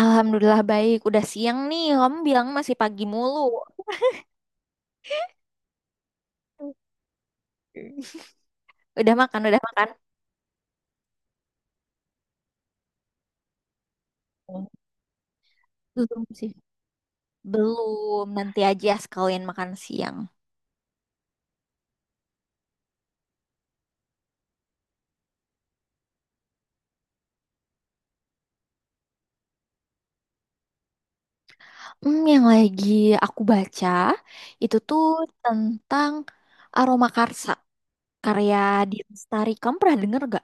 Alhamdulillah baik. Udah siang nih. Kamu bilang masih pagi mulu. Udah makan, udah makan. Belum sih. Belum. Nanti aja sekalian makan siang. Yang lagi aku baca itu tuh tentang Aroma Karsa karya di Lestari. Kamu pernah denger gak?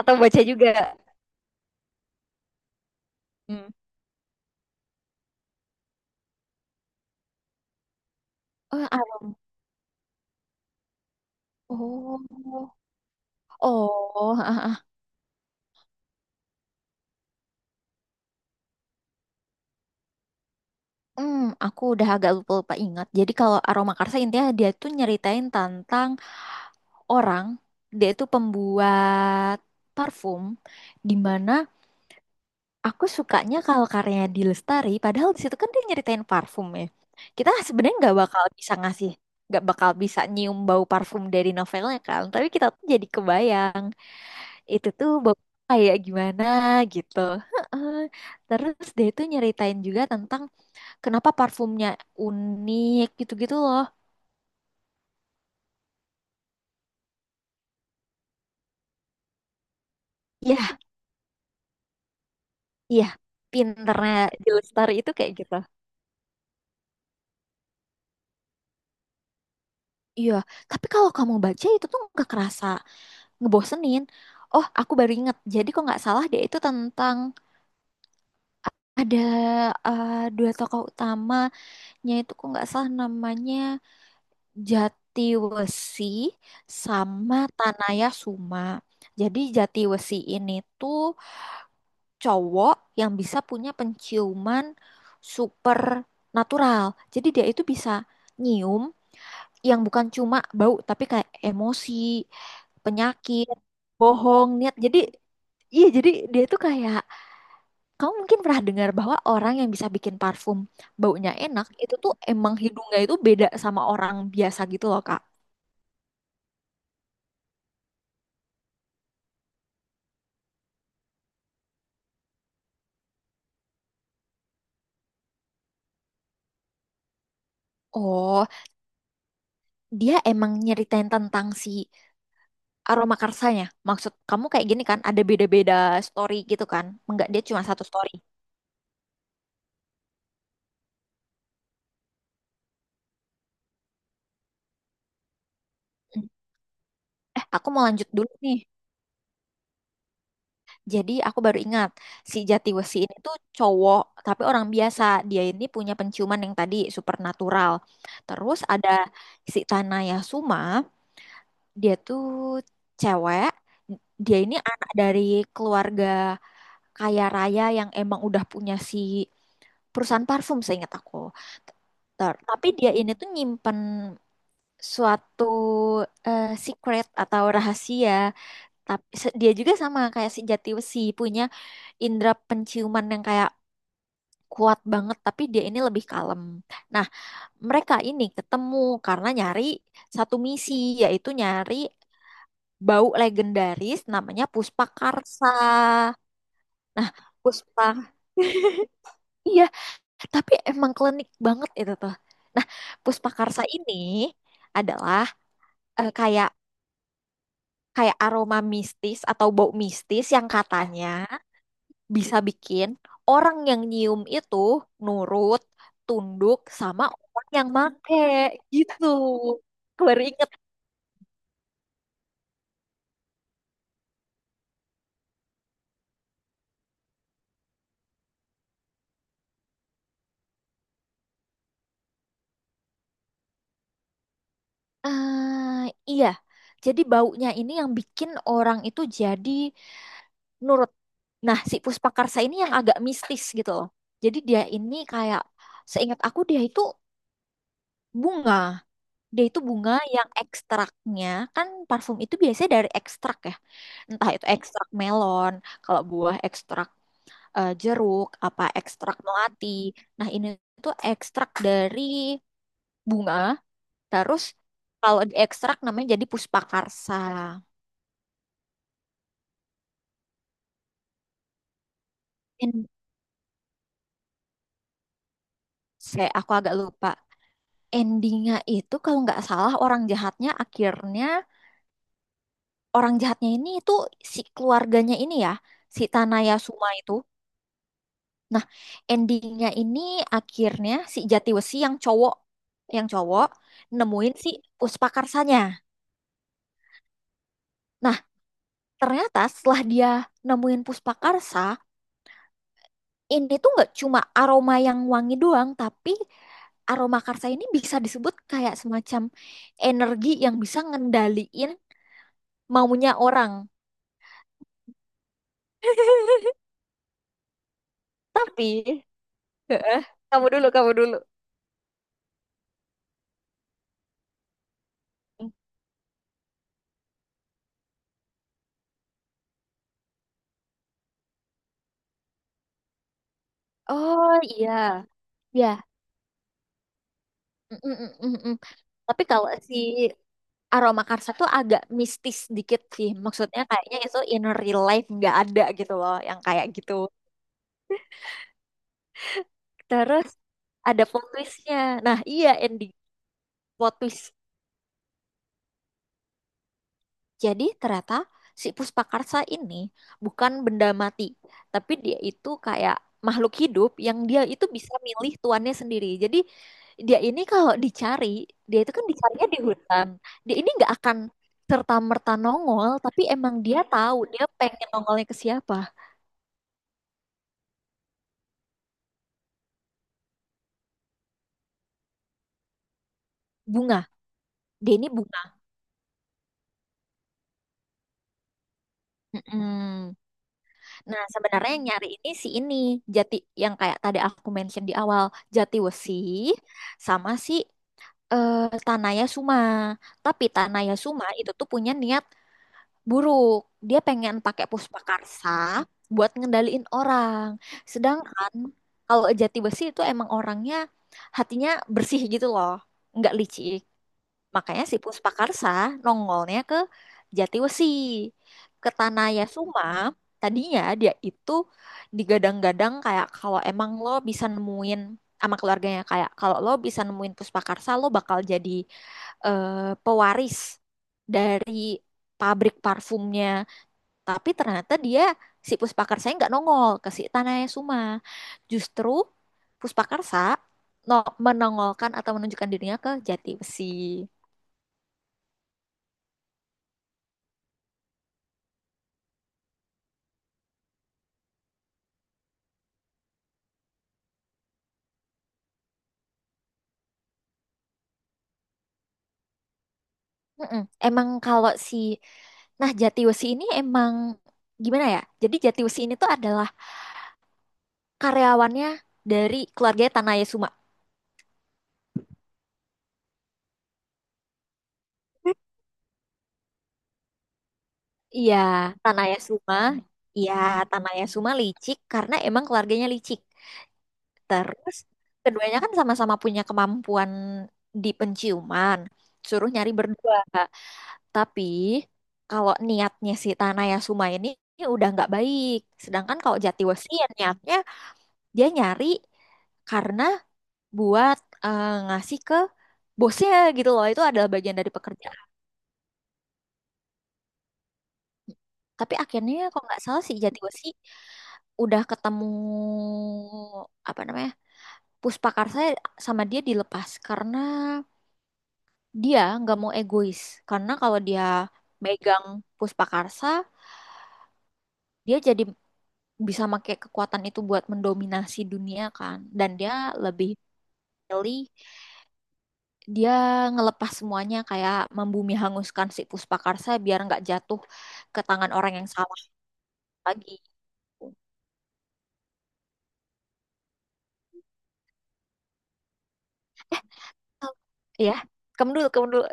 Atau baca juga? Hmm. Oh, Aroma. Oh. Oh, Hmm, aku udah agak lupa-lupa ingat. Jadi kalau Aroma Karsa intinya dia tuh nyeritain tentang orang, dia itu pembuat parfum, di mana aku sukanya kalau karyanya di Lestari. Padahal di situ kan dia nyeritain parfum ya, kita sebenarnya nggak bakal bisa nyium bau parfum dari novelnya kan, tapi kita tuh jadi kebayang itu tuh bau kayak gimana gitu. Heeh. Terus dia itu nyeritain juga tentang kenapa parfumnya unik, gitu-gitu loh. Ya, iya. Pinternya di Lestari itu kayak gitu. Iya, tapi kalau kamu baca itu tuh nggak kerasa ngebosenin. Oh, aku baru inget. Jadi kok nggak salah dia itu tentang ada dua tokoh utamanya. Itu kok nggak salah namanya Jatiwesi sama Tanaya Suma. Jadi Jatiwesi ini tuh cowok yang bisa punya penciuman super natural. Jadi dia itu bisa nyium yang bukan cuma bau tapi kayak emosi. Penyakit, bohong, niat. Jadi iya, jadi dia tuh kayak, kamu mungkin pernah dengar bahwa orang yang bisa bikin parfum baunya enak itu tuh emang hidungnya itu beda sama orang biasa gitu loh, Kak. Oh, dia emang nyeritain tentang si aroma karsanya. Maksud kamu kayak gini kan, ada beda-beda story gitu kan? Enggak, dia cuma satu story. Hmm. Eh, aku mau lanjut dulu nih. Jadi aku baru ingat si Jatiwesi ini tuh cowok tapi orang biasa. Dia ini punya penciuman yang tadi supernatural. Terus ada si Tanaya Suma, dia tuh cewek. Dia ini anak dari keluarga kaya raya yang emang udah punya si perusahaan parfum seingat aku. Tapi dia ini tuh nyimpen suatu secret atau rahasia. Tapi dia juga sama kayak si Jatiwesi punya indera penciuman yang kayak kuat banget, tapi dia ini lebih kalem. Nah, mereka ini ketemu karena nyari satu misi, yaitu nyari bau legendaris namanya Puspakarsa. Nah, Puspa, iya, tapi emang klinik banget itu tuh. Nah, Puspakarsa ini adalah, eh, kayak kayak aroma mistis atau bau mistis yang katanya bisa bikin orang yang nyium itu nurut, tunduk sama orang yang make gitu. Aku baru inget. Ah, iya. Jadi baunya ini yang bikin orang itu jadi nurut. Nah, si Puspakarsa ini yang agak mistis gitu loh. Jadi dia ini kayak, seingat aku dia itu bunga. Dia itu bunga yang ekstraknya, kan parfum itu biasanya dari ekstrak ya. Entah itu ekstrak melon, kalau buah ekstrak jeruk, apa ekstrak melati. Nah, ini tuh ekstrak dari bunga, terus kalau diekstrak namanya jadi puspakarsa. En- saya aku agak lupa. Endingnya itu kalau nggak salah orang jahatnya ini itu si keluarganya ini ya, si Tanaya Suma itu. Nah, endingnya ini akhirnya si Jatiwesi yang cowok, yang cowok nemuin si Puspakarsanya. Nah, ternyata setelah dia nemuin Puspakarsa, ini tuh nggak cuma aroma yang wangi doang, tapi aroma karsa ini bisa disebut kayak semacam energi yang bisa ngendaliin maunya orang. Tapi, Heeh, kamu dulu, kamu dulu. Oh iya, ya. Mm, mm, mm, mm, mm. Tapi kalau si aroma karsa tuh agak mistis dikit sih. Maksudnya kayaknya itu in real life nggak ada gitu loh, yang kayak gitu. Terus ada plot twistnya. Nah, iya, ending plot twist. Jadi ternyata si Puspakarsa ini bukan benda mati, tapi dia itu kayak makhluk hidup yang dia itu bisa milih tuannya sendiri. Jadi dia ini kalau dicari, dia itu kan dicarinya di hutan. Dia ini nggak akan serta-merta nongol, tapi emang dia tahu dia pengen nongolnya ke siapa. Bunga. Dia ini bunga. Mm-mm. Nah, sebenarnya yang nyari ini si ini jati, yang kayak tadi aku mention di awal, jati wesi sama si eh, Tanaya Suma. Tapi Tanaya Suma itu tuh punya niat buruk. Dia pengen pakai puspakarsa buat ngendaliin orang. Sedangkan kalau jati wesi itu emang orangnya hatinya bersih gitu loh, nggak licik. Makanya si Puspakarsa nongolnya ke Jatiwesi, ke Tanah Yasuma. Tadinya dia itu digadang-gadang kayak kalau emang lo bisa nemuin, sama keluarganya kayak kalau lo bisa nemuin Puspakarsa lo bakal jadi pewaris dari pabrik parfumnya. Tapi ternyata dia si Puspakarsa nggak nongol ke si Tanah Yasuma. Justru Puspakarsa no, menongolkan atau menunjukkan dirinya ke Jatiwesi. Mm-mm. Emang kalau si Nah, Jatiwesi ini emang gimana ya? Jadi Jatiwesi ini tuh adalah karyawannya dari keluarga Tanaya Suma. Iya, Tanaya Suma. Iya, Tanaya Suma licik karena emang keluarganya licik. Terus keduanya kan sama-sama punya kemampuan di penciuman. Suruh nyari berdua. Tapi kalau niatnya si Tanaya Suma ini udah nggak baik. Sedangkan kalau Jatiwesi ya niatnya dia nyari karena buat ngasih ke bosnya gitu loh. Itu adalah bagian dari pekerjaan. Tapi akhirnya kalau nggak salah si Jatiwesi udah ketemu apa namanya Puspakarsa, sama dia dilepas karena dia nggak mau egois, karena kalau dia megang Puspakarsa dia jadi bisa pakai kekuatan itu buat mendominasi dunia kan, dan dia lebih pilih dia ngelepas semuanya, kayak membumi hanguskan si Puspakarsa biar nggak jatuh ke tangan orang yang salah lagi. Ya, kamu dulu, kamu dulu.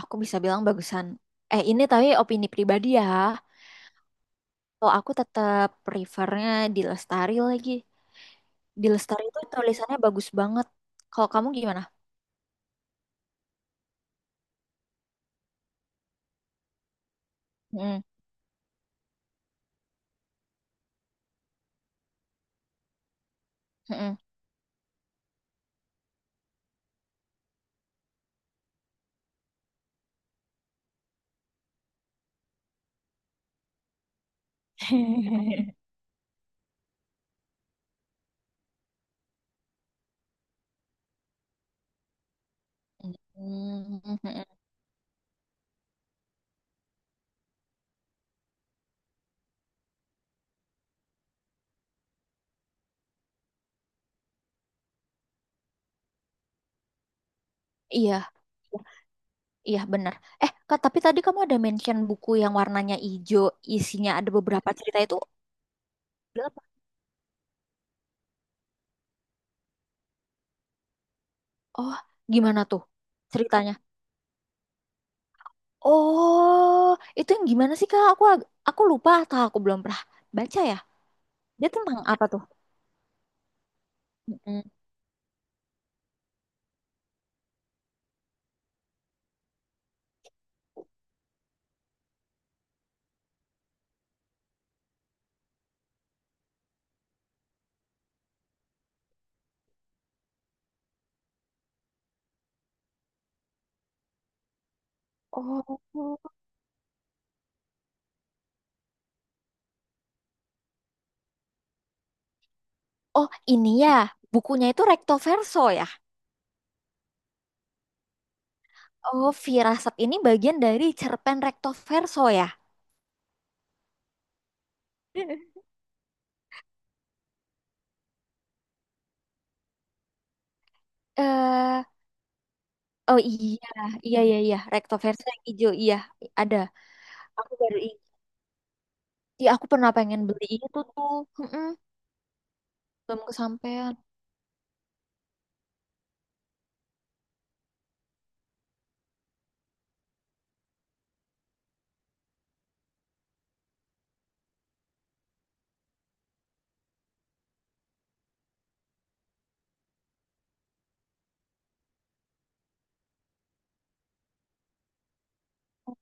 Aku bisa bilang bagusan. Eh, ini tapi opini pribadi ya. Kalau aku tetap prefernya di Lestari lagi. Di Lestari itu tulisannya bagus banget. Kalau kamu gimana? Mm, mm, mm. Mm, mm, mm. Iya. Iya benar. Eh, Kak, tapi tadi kamu ada mention buku yang warnanya hijau, isinya ada beberapa cerita itu. Berapa? Oh, gimana tuh ceritanya? Oh, itu yang gimana sih Kak? Aku lupa atau aku belum pernah baca ya. Dia tentang apa tuh? Mm-mm. Oh, oh, ini ya bukunya itu recto verso ya. Oh, Firasat ini bagian dari cerpen recto verso ya. Eh, oh iya, iya iya iya, recto verso yang hijau iya ada. Aku baru Iya, aku pernah pengen beli itu tuh. Mm-mm. Belum kesampaian.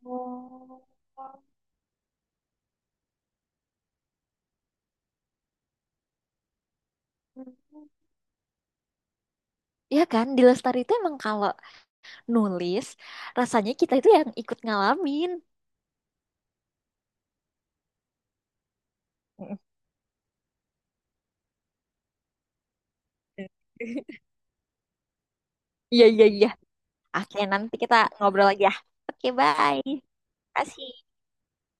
Oh. Iya kan, di Lestari itu emang kalau nulis, rasanya kita itu yang ikut ngalamin. Mm. Iya, iya, iya. Oke, nanti kita ngobrol lagi ya. Oke, bye. Kasih.